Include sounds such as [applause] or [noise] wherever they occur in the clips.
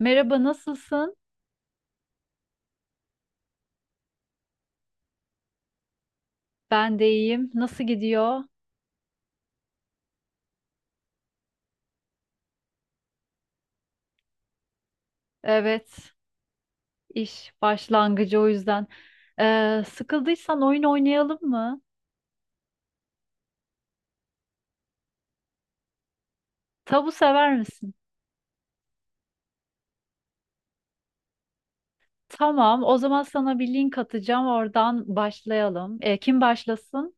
Merhaba, nasılsın? Ben de iyiyim. Nasıl gidiyor? Evet, iş başlangıcı o yüzden. Sıkıldıysan oyun oynayalım mı? Tabu sever misin? Tamam, o zaman sana bir link atacağım. Oradan başlayalım. Kim başlasın?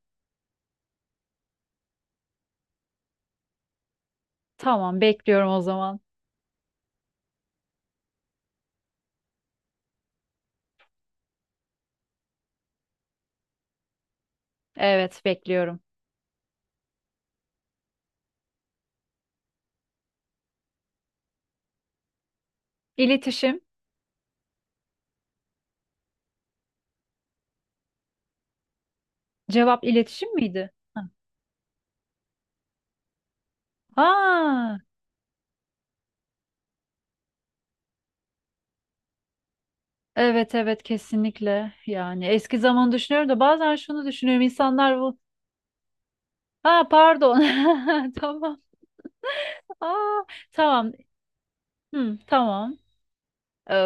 Tamam, bekliyorum o zaman. Evet, bekliyorum. İletişim. Cevap iletişim miydi? Ha. Aa, evet evet kesinlikle. Yani eski zaman düşünüyorum da bazen şunu düşünüyorum. İnsanlar bu. Ha, pardon. [laughs] Tamam. Aa, tamam. Hı, tamam. Ee,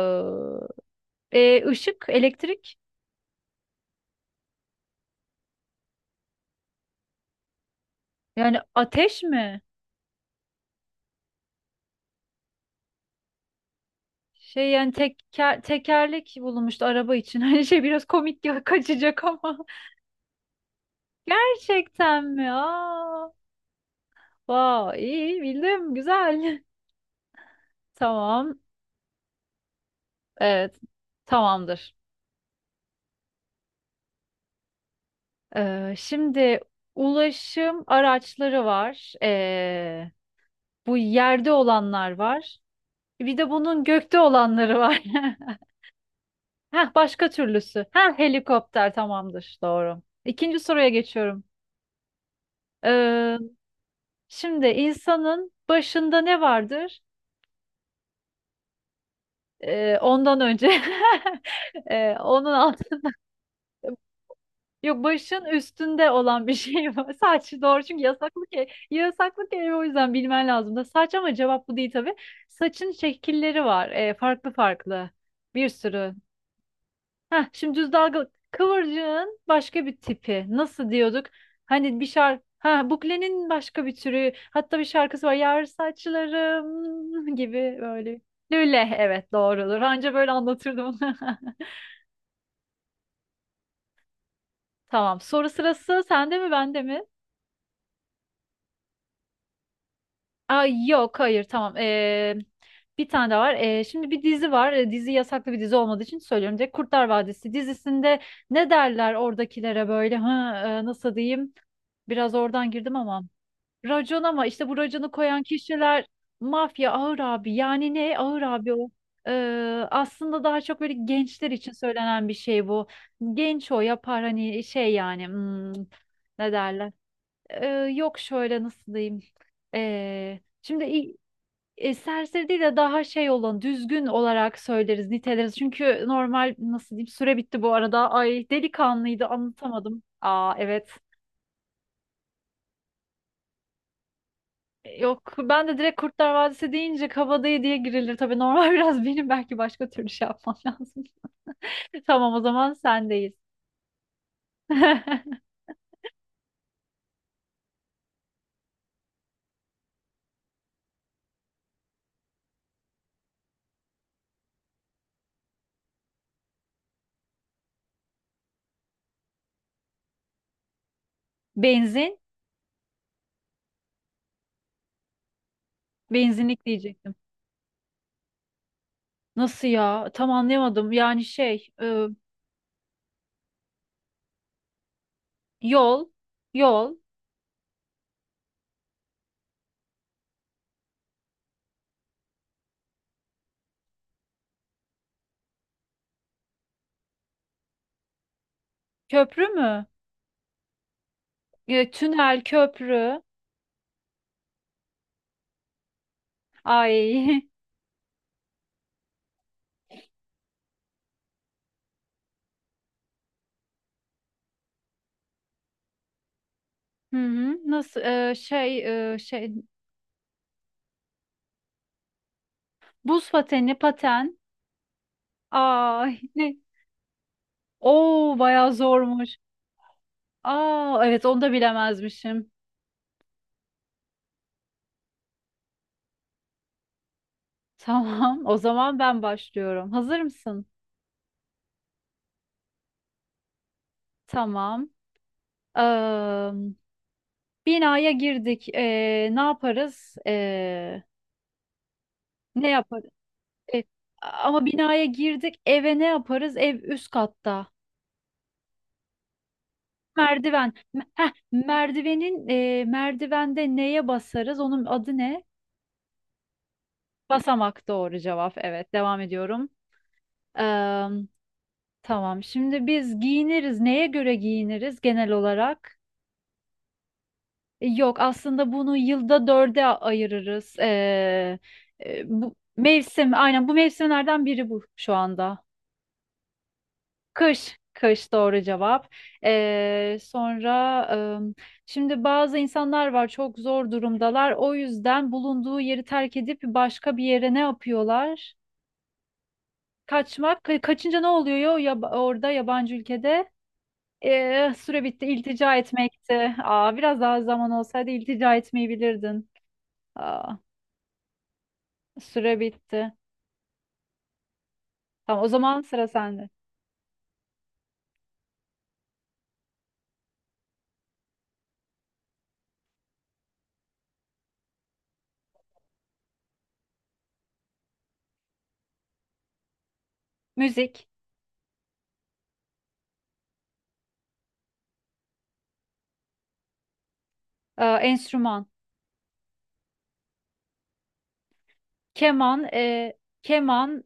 ışık, elektrik. Yani ateş mi? Şey yani teker, tekerlek bulunmuştu araba için. [laughs] Hani şey biraz komik ya kaçacak ama. [laughs] Gerçekten mi? Aa, wow, iyi bildim. Güzel. [laughs] Tamam. Evet. Tamamdır. Şimdi ulaşım araçları var. Bu yerde olanlar var. Bir de bunun gökte olanları var. [laughs] Heh, başka türlüsü. Heh, helikopter tamamdır. Doğru. İkinci soruya geçiyorum. Ee, Şimdi insanın başında ne vardır? Ondan önce [laughs] onun alt, yok başın üstünde olan bir şey var. [laughs] Saç doğru çünkü yasaklı yasaklı kelime o yüzden bilmen lazım da saç ama cevap bu değil tabii. Saçın şekilleri var. Farklı farklı. Bir sürü. Heh, şimdi düz dalgalı kıvırcığın başka bir tipi. Nasıl diyorduk? Hani bir şarkı ha buklenin başka bir türü. Hatta bir şarkısı var. Yar saçlarım gibi böyle. Lüle, evet doğrudur. Anca böyle anlatırdım. [laughs] Tamam. Soru sırası sende mi bende mi? Aa, yok hayır tamam. Bir tane daha var. Şimdi bir dizi var. Dizi yasaklı bir dizi olmadığı için söylüyorum. Direkt Kurtlar Vadisi dizisinde ne derler oradakilere böyle? Ha, nasıl diyeyim? Biraz oradan girdim ama. Racon, ama işte bu raconu koyan kişiler mafya, ağır abi. Yani ne ağır abi o? Ee, Aslında daha çok böyle gençler için söylenen bir şey bu. Genç o yapar, hani şey yani hmm, ne derler? Ee, Yok şöyle, nasıl diyeyim? Ee, şimdi i- serseri değil de daha şey olan düzgün olarak söyleriz, niteleriz. Çünkü normal nasıl diyeyim süre bitti bu arada. Ay, delikanlıydı anlatamadım. Aa, evet. Yok ben de direkt Kurtlar Vadisi deyince Kabadayı diye girilir. Tabii normal [laughs] biraz benim belki başka türlü şey yapmam lazım. [laughs] Tamam, o zaman sendeyiz. [laughs] Benzin, benzinlik diyecektim. Nasıl ya? Tam anlayamadım. Yani şey, yol, yol, köprü mü? E, tünel, köprü. Ay. [laughs] Hı hı. Nasıl e, şey e, şey Buz pateni, paten. Ay. [laughs] Ne? Oo, bayağı zormuş. Aa, evet onu da bilemezmişim. Tamam, o zaman ben başlıyorum. Hazır mısın? Tamam. Eee, Binaya girdik. Ne yaparız? Ne yaparız? E, Ama binaya girdik. Eve ne yaparız? Ev üst katta. Merdiven. Heh, merdivenin merdivende neye basarız? Onun adı ne? Basamak, doğru cevap. Evet, devam ediyorum. Eee, tamam. Şimdi biz giyiniriz. Neye göre giyiniriz genel olarak? E, yok aslında bunu yılda dörde ayırırız. Bu mevsim aynen bu mevsimlerden biri bu şu anda. Kış, kış doğru cevap. Sonra ım, şimdi bazı insanlar var çok zor durumdalar. O yüzden bulunduğu yeri terk edip başka bir yere ne yapıyorlar? Kaçmak. Kaçınca ne oluyor ya, ya orada yabancı ülkede? Süre bitti. İltica etmekti. Aa, biraz daha zaman olsaydı iltica etmeyi bilirdin. Aa. Süre bitti. Tamam, o zaman sıra sende. Müzik, enstrüman, keman, keman.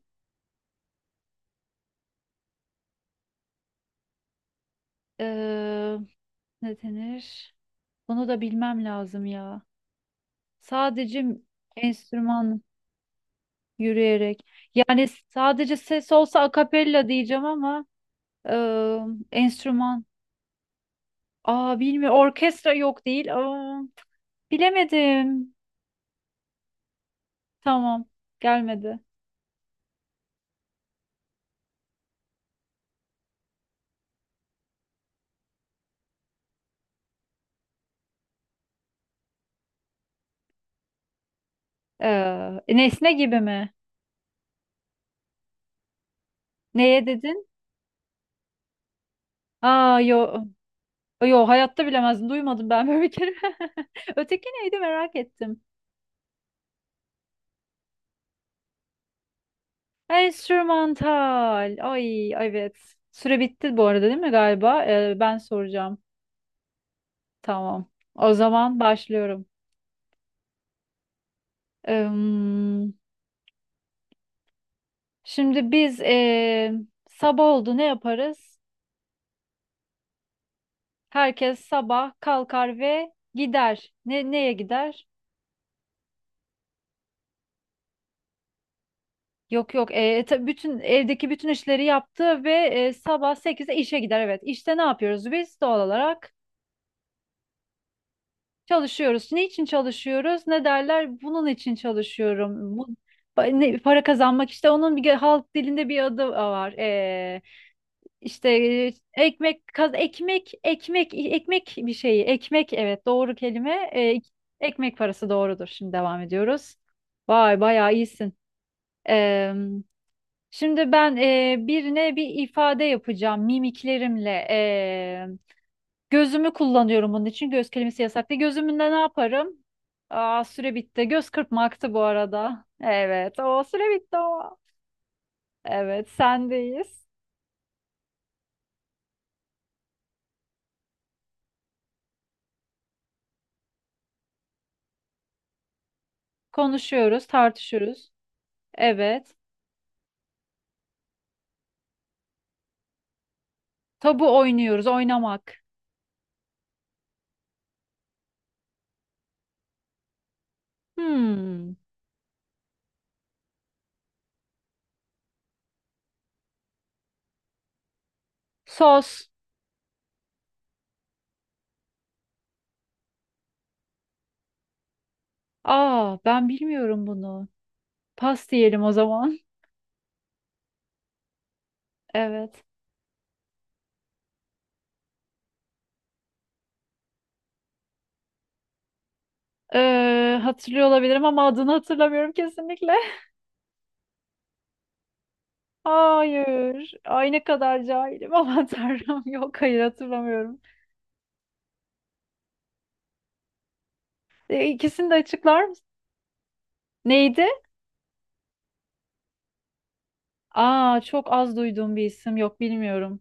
e, Ne denir? Bunu da bilmem lazım ya. Sadece enstrüman, yürüyerek. Yani sadece ses olsa akapella diyeceğim ama e, enstrüman. Aa, bilmiyorum. Orkestra, yok değil. Aa, bilemedim. Tamam. Gelmedi. E, nesne gibi mi? Neye dedin? Aa, yo. Yo, hayatta bilemezdim. Duymadım ben böyle bir kere. [laughs] Öteki neydi merak ettim. Enstrümantal. Ay, evet. Süre bitti bu arada değil mi galiba? Ben soracağım. Tamam. O zaman başlıyorum. Im, şimdi biz sabah oldu ne yaparız? Herkes sabah kalkar ve gider. Ne, neye gider? Yok yok. Bütün evdeki bütün işleri yaptı ve sabah 8'de işe gider. Evet. İşte ne yapıyoruz biz doğal olarak? Çalışıyoruz. Ne için çalışıyoruz? Ne derler? Bunun için çalışıyorum. Bu para kazanmak, işte onun bir halk dilinde bir adı var. İşte ekmek kaz ekmek ekmek ekmek bir şeyi. Ekmek, evet doğru kelime. Ekmek parası doğrudur. Şimdi devam ediyoruz. Vay, bayağı iyisin. Ee, Şimdi ben birine bir ifade yapacağım mimiklerimle. Gözümü kullanıyorum onun için. Göz kelimesi yasak değil. Gözümünde ne yaparım? Aa, süre bitti. Göz kırpmaktı bu arada. Evet. O süre bitti o. Evet, sendeyiz. Konuşuyoruz, tartışıyoruz. Evet. Tabu oynuyoruz, oynamak. Hmm. Sos. Aa, ben bilmiyorum bunu. Pas diyelim o zaman. [laughs] Evet. Hatırlıyor olabilirim ama adını hatırlamıyorum kesinlikle. [laughs] Hayır. Ay, ne kadar cahilim. [laughs] Aman Tanrım. Yok hayır hatırlamıyorum. E, İkisini de açıklar mısın? Neydi? Aa, çok az duyduğum bir isim, yok bilmiyorum.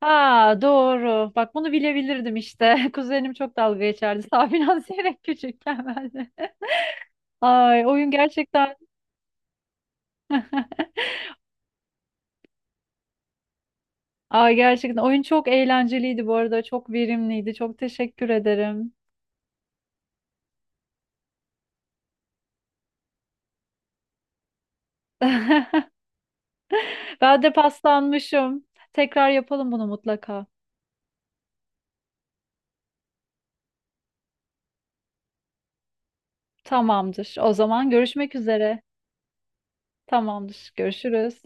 Ha, doğru. Bak bunu bilebilirdim işte. [laughs] Kuzenim çok dalga geçerdi. Sabiha Zeyrek küçükken ben de. [laughs] Ay oyun gerçekten Ay, gerçekten oyun çok eğlenceliydi bu arada. Çok verimliydi. Çok teşekkür ederim. [laughs] Ben de paslanmışım. Tekrar yapalım bunu mutlaka. Tamamdır. O zaman görüşmek üzere. Tamamdır. Görüşürüz.